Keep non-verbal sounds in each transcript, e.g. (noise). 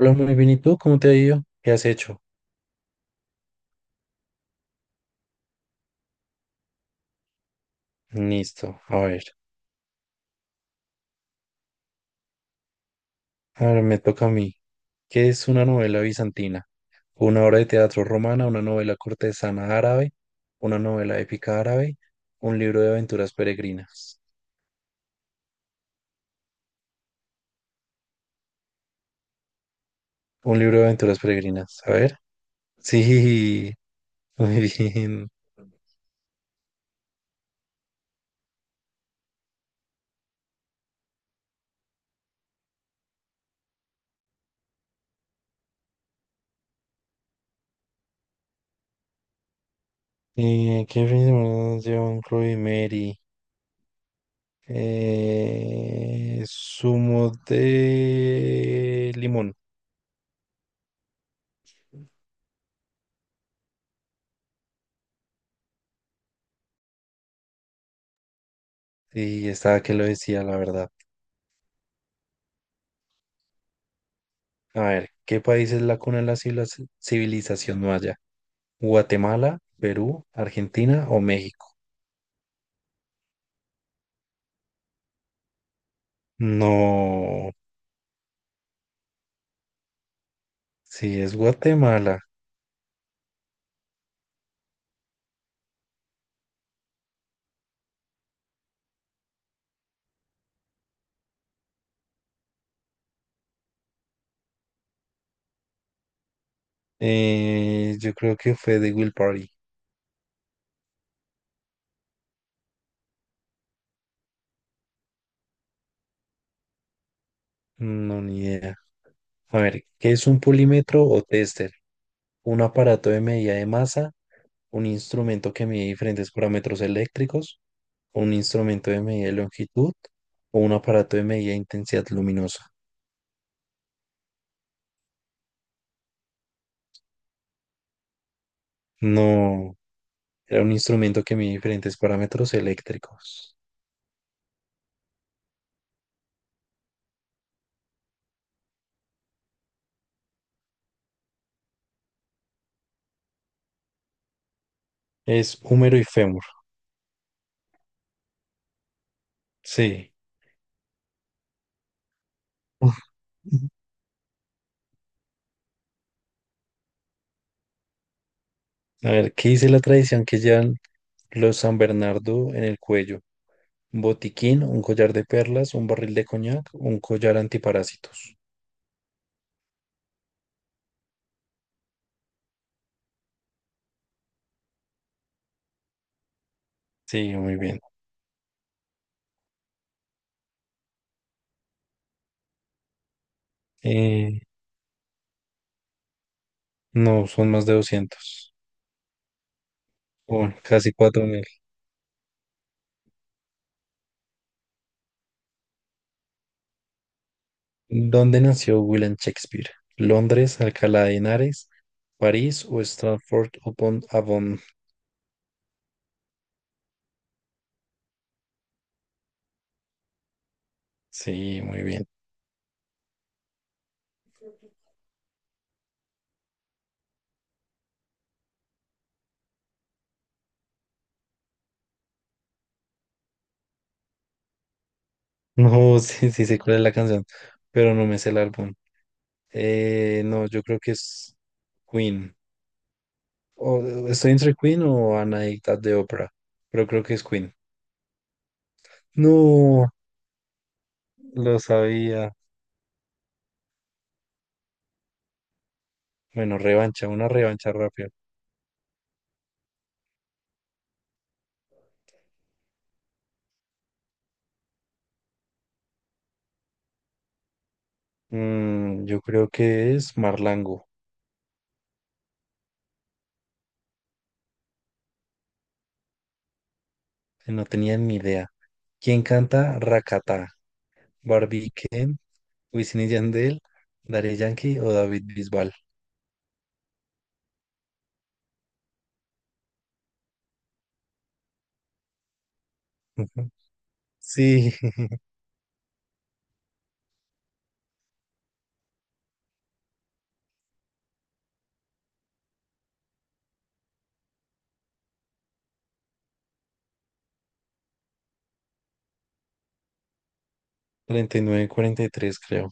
Hola, muy bien. ¿Y tú? ¿Cómo te ha ido? ¿Qué has hecho? Listo. A ver. Ahora me toca a mí. ¿Qué es una novela bizantina? Una obra de teatro romana, una novela cortesana árabe, una novela épica árabe, un libro de aventuras peregrinas. Un libro de aventuras peregrinas. A ver. Sí. (laughs) Muy bien. ¿Qué filmes lleva un Chloe Mary? Zumo de limón. Sí, estaba que lo decía, la verdad. A ver, ¿qué país es la cuna de la civilización maya? ¿Guatemala, Perú, Argentina o México? No, sí, es Guatemala. Yo creo que fue de Will Party. No, ni idea. A ver, ¿qué es un polímetro o tester? ¿Un aparato de medida de masa? ¿Un instrumento que mide diferentes parámetros eléctricos? ¿Un instrumento de medida de longitud? ¿O un aparato de medida de intensidad luminosa? No. Era un instrumento que mide diferentes parámetros eléctricos. Es húmero y fémur. Sí. (laughs) Uf. A ver, ¿qué dice la tradición que llevan los San Bernardo en el cuello? Un botiquín, un collar de perlas, un barril de coñac, un collar antiparásitos. Sí, muy bien. Eh, no, son más de 200. Bueno, casi 4.000. ¿Dónde nació William Shakespeare? ¿Londres, Alcalá de Henares, París o Stratford upon Avon? Sí, muy bien. No, (laughs) sí, sí sé cuál es la canción, pero no me sé el álbum. No, yo creo que es Queen. O, estoy entre Queen o Anadicta de Opera, pero creo que es Queen. No, lo sabía. Bueno, revancha, una revancha rápida. Yo creo que es Marlango. No tenía ni idea. ¿Quién canta Rakata? ¿Barbie Ken, Wisin y Yandel, Daddy Yankee o David Bisbal? Ujú. Sí. (laughs) 39, 43 creo.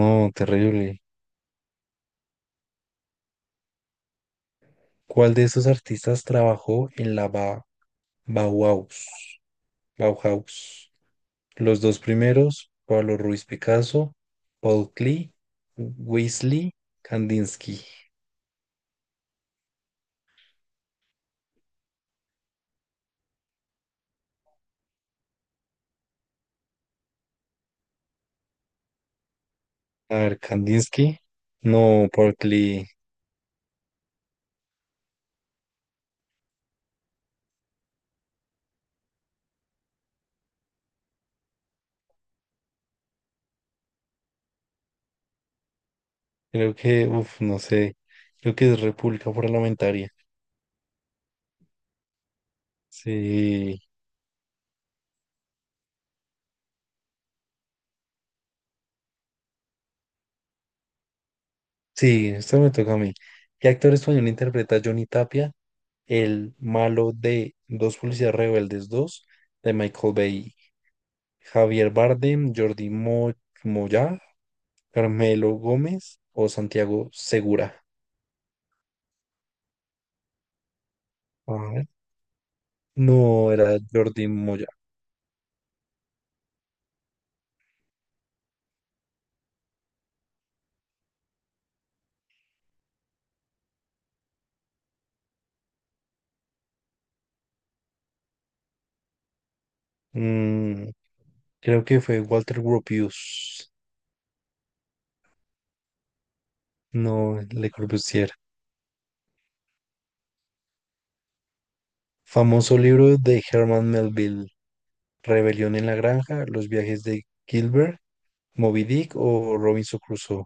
No, terrible. ¿Cuál de estos artistas trabajó en la Bauhaus? Bauhaus. Los dos primeros, Pablo Ruiz Picasso, Paul Klee, Weasley, Kandinsky. A ver, Kandinsky. No, Paul Klee. Creo que, no sé. Creo que es República Parlamentaria. Sí, sí, esto me toca a mí. ¿Qué actor español interpreta a Johnny Tapia, el malo de Dos Policías Rebeldes 2 de Michael Bay? Javier Bardem, Jordi Moyá, Carmelo Gómez o Santiago Segura. A ver. No, era Jordi Moyá. Mm, Creo que fue Walter Gropius. No, Le Corbusier. Famoso libro de Herman Melville. Rebelión en la granja, Los viajes de Gilbert, Moby Dick o Robinson Crusoe.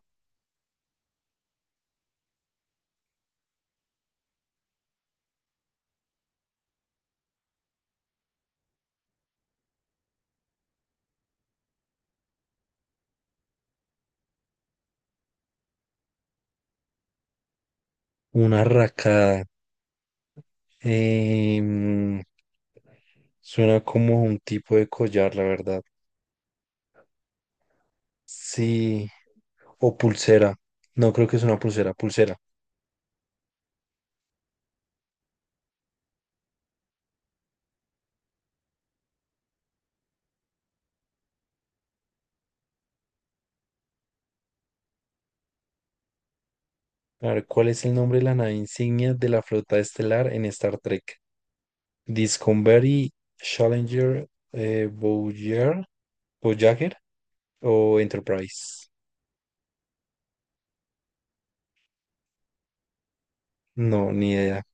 Una racada. Em, Suena como un tipo de collar, la verdad. Sí, o pulsera. No creo que es una pulsera, pulsera. A ver, ¿cuál es el nombre de la nave insignia de la flota estelar en Star Trek? Discovery, Challenger, eh, Voyager, Voyager o Enterprise. No, ni idea.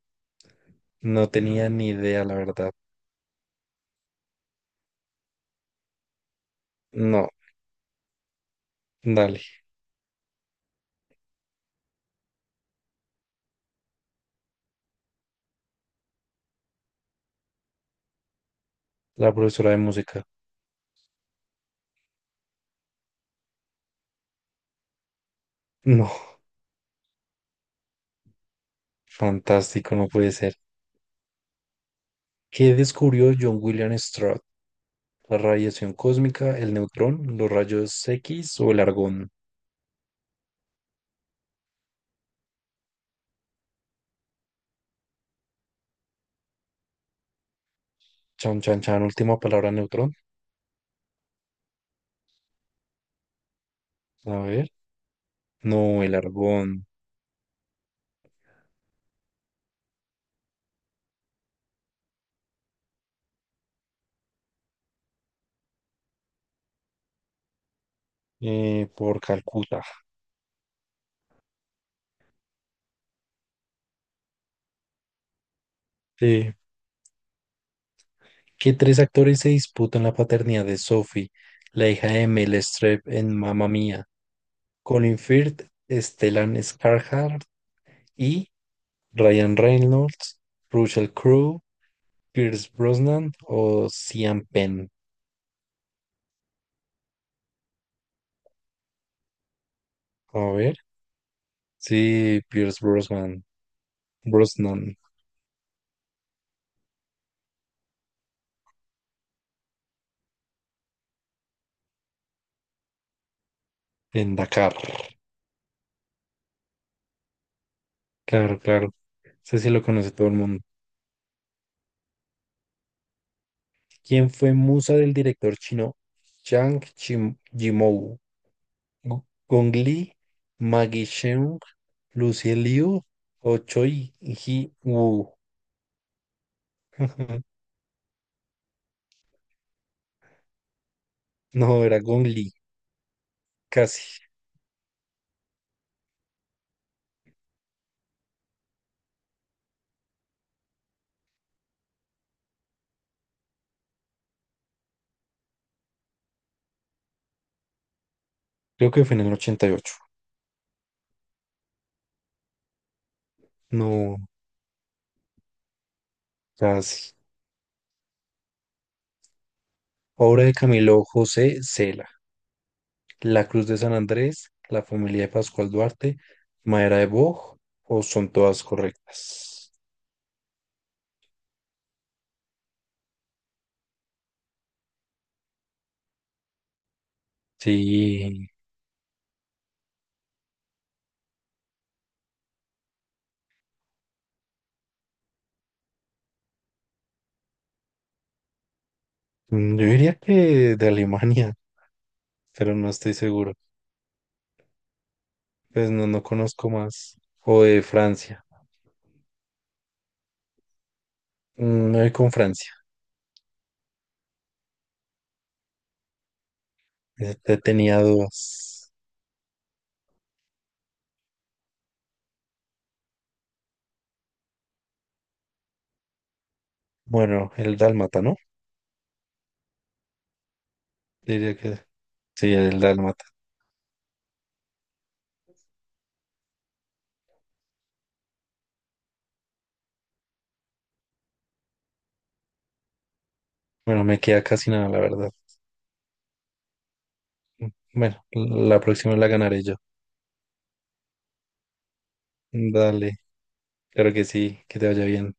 No tenía ni idea, la verdad. No, dale. La profesora de música. No, fantástico, no puede ser. ¿Qué descubrió John William Stroud? ¿La radiación cósmica, el neutrón, los rayos X o el argón? Chan, chan, chan, última palabra, neutrón. A ver. No, el argón. Por Calcuta. Sí. ¿Qué tres actores se disputan la paternidad de Sophie, la hija de Mel Streep en Mamma Mía? Colin Firth, Stellan Skarsgård y Ryan Reynolds, Russell Crowe, Pierce Brosnan o Sean Penn. A ver. Sí, Pierce Brosnan. Brosnan en Dakar. Claro, claro. Sé si lo conoce todo el mundo. Quien fue musa del director chino Zhang Yimou, Gu- Gong Li, Maggie Cheung, Lucy Liu o Choi Ji Woo. (laughs) No, era Gong Li, casi. Creo que fue en el 88. No, casi. Obra de Camilo José Cela, La Cruz de San Andrés, La familia de Pascual Duarte, Madera de Boj, o son todas correctas. Sí, yo diría que de Alemania, pero no estoy seguro. Pues no, no conozco más. O de Francia. Me voy con Francia. Tenía dudas. Bueno, el dálmata, ¿no? Diría que sí, el dálmata. Bueno, me queda casi nada, la verdad. Mm, Bueno, la próxima la ganaré yo. Dale, claro que sí, que te vaya bien.